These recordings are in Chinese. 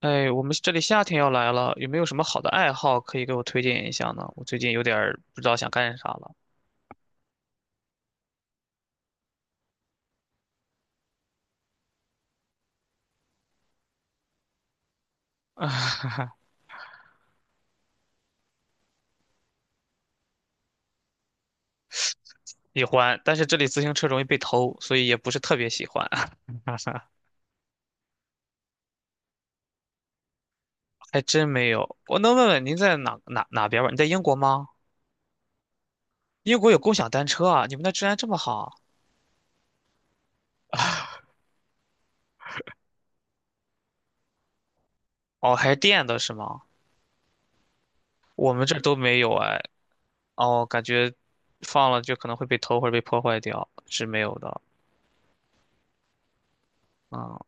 哎，我们这里夏天要来了，有没有什么好的爱好可以给我推荐一下呢？我最近有点儿不知道想干啥了。喜欢，但是这里自行车容易被偷，所以也不是特别喜欢。还真没有。我能问问您在哪边儿吗？你在英国吗？英国有共享单车啊？你们那治安这么好？哦，还是电的是吗？我们这儿都没有哎。哦，感觉放了就可能会被偷或者被破坏掉，是没有的。嗯，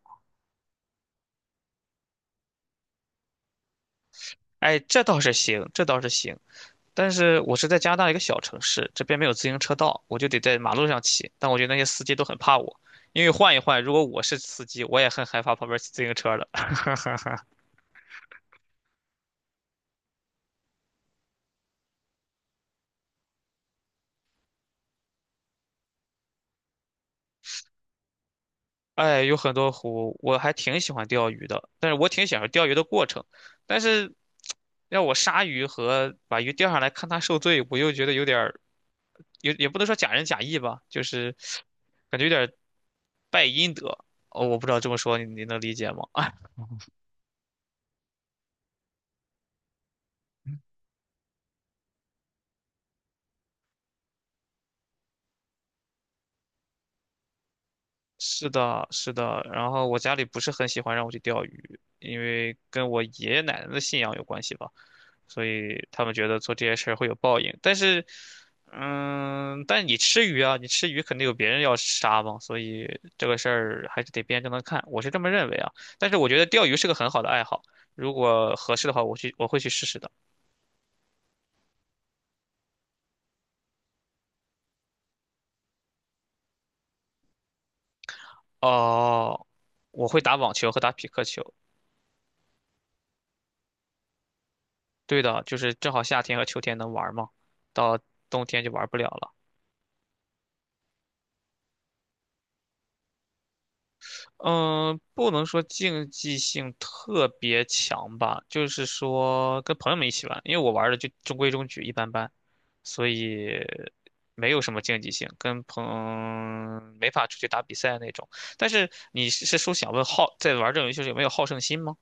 哎，这倒是行，这倒是行。但是我是在加拿大一个小城市，这边没有自行车道，我就得在马路上骑。但我觉得那些司机都很怕我，因为换一换，如果我是司机，我也很害怕旁边骑自行车的。哎，有很多湖，我还挺喜欢钓鱼的，但是我挺享受钓鱼的过程。但是让我杀鱼和把鱼钓上来看它受罪，我又觉得有点儿，也不能说假仁假义吧，就是感觉有点儿败阴德。哦，我不知道这么说你能理解吗？是的，是的。然后我家里不是很喜欢让我去钓鱼，因为跟我爷爷奶奶的信仰有关系吧，所以他们觉得做这些事儿会有报应。但是，嗯，但你吃鱼啊，你吃鱼肯定有别人要杀嘛，所以这个事儿还是得辩证的看，我是这么认为啊。但是我觉得钓鱼是个很好的爱好，如果合适的话，我会去试试的。哦，我会打网球和打匹克球。对的，就是正好夏天和秋天能玩嘛，到冬天就玩不了了。嗯，不能说竞技性特别强吧，就是说跟朋友们一起玩，因为我玩的就中规中矩，一般般，所以没有什么竞技性，没法出去打比赛那种。但是你是说想问好，在玩这种游戏时有没有好胜心吗？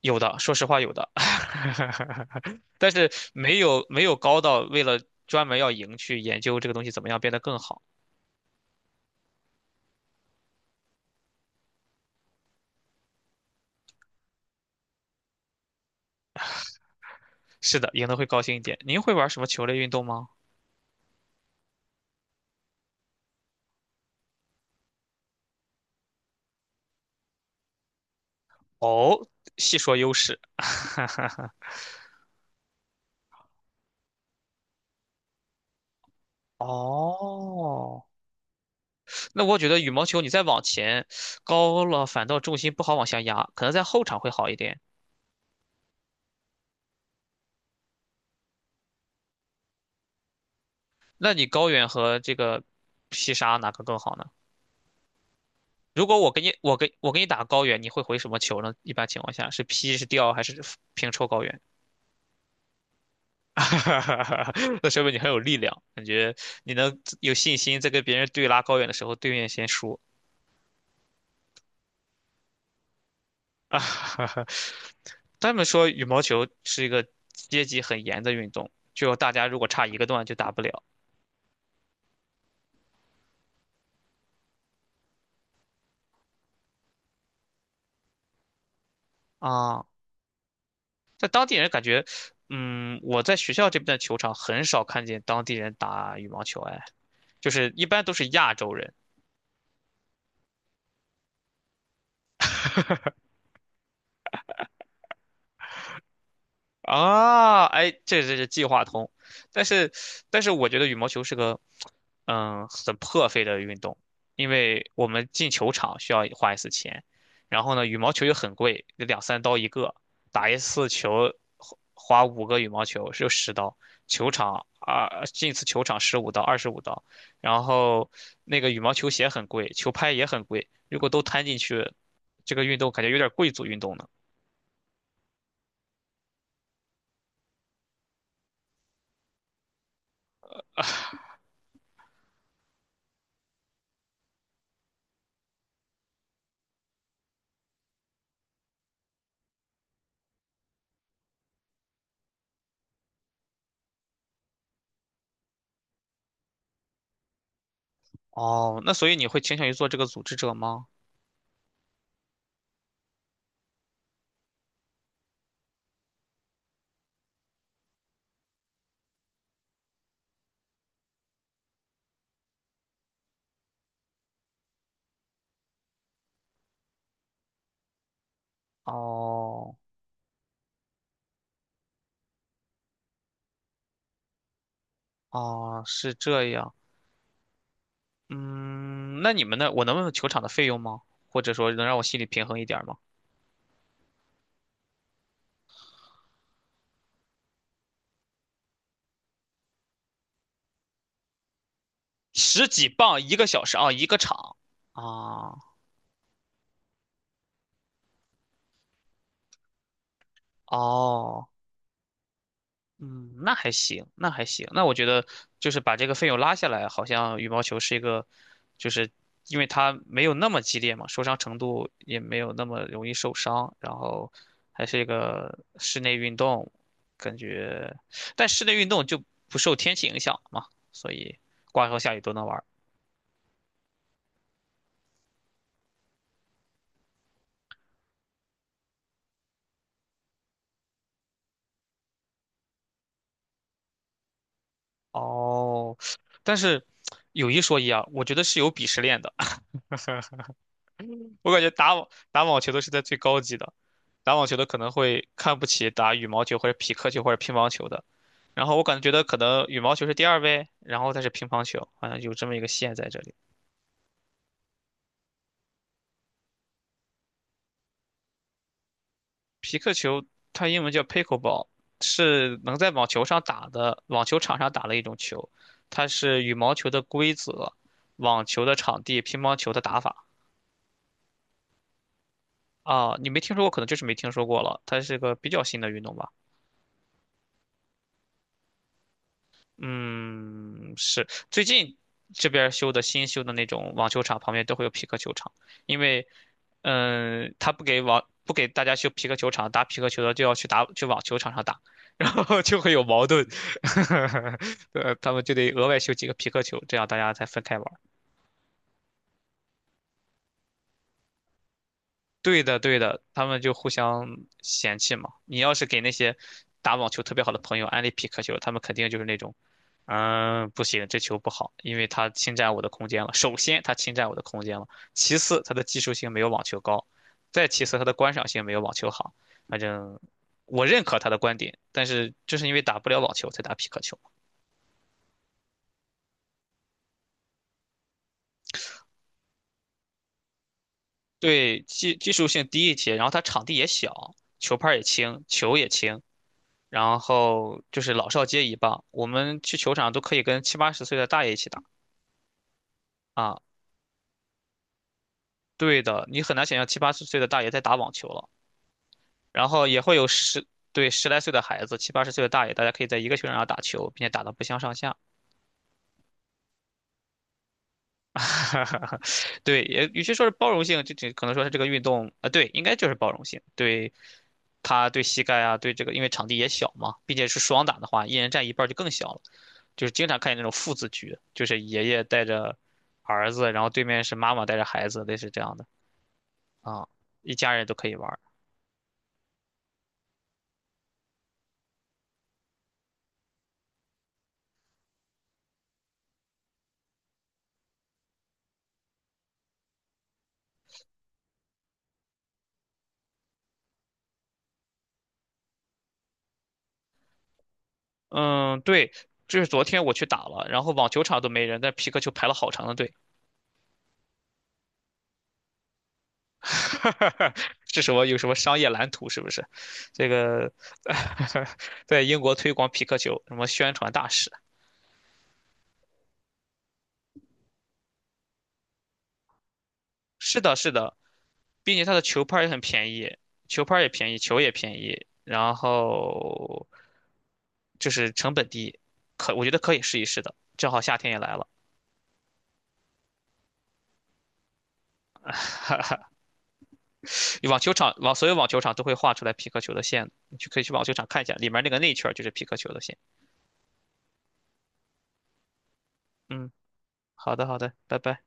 有的，说实话有的，但是没有高到为了专门要赢去研究这个东西怎么样变得更好。是的，赢得会高兴一点。您会玩什么球类运动吗？哦，细说优势。哦，那我觉得羽毛球你再往前高了，反倒重心不好往下压，可能在后场会好一点。那你高远和这个劈杀哪个更好呢？如果我给你，我给你打高远，你会回什么球呢？一般情况下是劈是吊还是平抽高远？那说明你很有力量，感觉你能有信心在跟别人对拉高远的时候，对面先输。他们说羽毛球是一个阶级很严的运动，就大家如果差一个段就打不了啊。在当地人感觉，嗯，我在学校这边的球场很少看见当地人打羽毛球，哎，就是一般都是亚洲人。啊，哎，这是计划通，但是但是我觉得羽毛球是个很破费的运动，因为我们进球场需要花一次钱，然后呢羽毛球又很贵，得两三刀一个，打一次球花5个羽毛球是10刀，球场啊进一次球场十五刀25刀，然后那个羽毛球鞋很贵，球拍也很贵，如果都摊进去，这个运动感觉有点贵族运动呢。哦，那所以你会倾向于做这个组织者吗？哦哦，是这样。嗯，那你们那，我能问问球场的费用吗？或者说能让我心里平衡一点儿吗？十几磅一个小时啊，一个场啊，哦。嗯，那还行，那还行。那我觉得就是把这个费用拉下来，好像羽毛球是一个，就是因为它没有那么激烈嘛，受伤程度也没有那么容易受伤，然后还是一个室内运动，感觉，但室内运动就不受天气影响嘛，所以刮风下雨都能玩儿。哦，但是有一说一啊，我觉得是有鄙视链的。我感觉打网球的是在最高级的，打网球的可能会看不起打羽毛球或者匹克球或者乒乓球的，然后我感觉得可能羽毛球是第二位，然后再是乒乓球，好像有这么一个线在这里。匹克球它英文叫 pickleball，是能在网球上打的，网球场上打的一种球，它是羽毛球的规则，网球的场地，乒乓球的打法。啊，你没听说过，可能就是没听说过了。它是个比较新的运动吧。嗯，是最近这边儿修的新修的那种网球场旁边都会有皮克球场，因为，嗯，他不给大家修皮克球场，打皮克球的就要去打去网球场上打，然后就会有矛盾，他们就得额外修几个皮克球，这样大家才分开玩。对的，对的，他们就互相嫌弃嘛。你要是给那些打网球特别好的朋友安利匹克球，他们肯定就是那种，嗯，不行，这球不好，因为它侵占我的空间了。首先，它侵占我的空间了；其次，它的技术性没有网球高；再其次，它的观赏性没有网球好。反正我认可他的观点，但是就是因为打不了网球才打匹克球。对，技术性低一些，然后它场地也小，球拍儿也轻，球也轻。然后就是老少皆宜吧。我们去球场都可以跟七八十岁的大爷一起打啊。对的，你很难想象七八十岁的大爷在打网球了。然后也会有十，对，十来岁的孩子，七八十岁的大爷，大家可以在一个球场上打球，并且打得不相上下。对，也与其说是包容性，就可能说是这个运动啊，对，应该就是包容性，对他对膝盖啊，对这个，因为场地也小嘛，并且是双打的话，一人占一半儿就更小了。就是经常看见那种父子局，就是爷爷带着儿子，然后对面是妈妈带着孩子，类似这样的啊，一家人都可以玩儿嗯，对，这是昨天我去打了，然后网球场都没人，但皮克球排了好长的队。这什么有什么商业蓝图是不是？这个 在英国推广皮克球，什么宣传大使？是的，是的，并且它的球拍儿也很便宜，球拍儿也便宜，球也便宜，然后就是成本低，可我觉得可以试一试的。正好夏天也来了，网球场网所有网球场都会画出来皮克球的线的，你去可以去网球场看一下，里面那个内圈儿就是皮克球的线。嗯，好的好的，拜拜。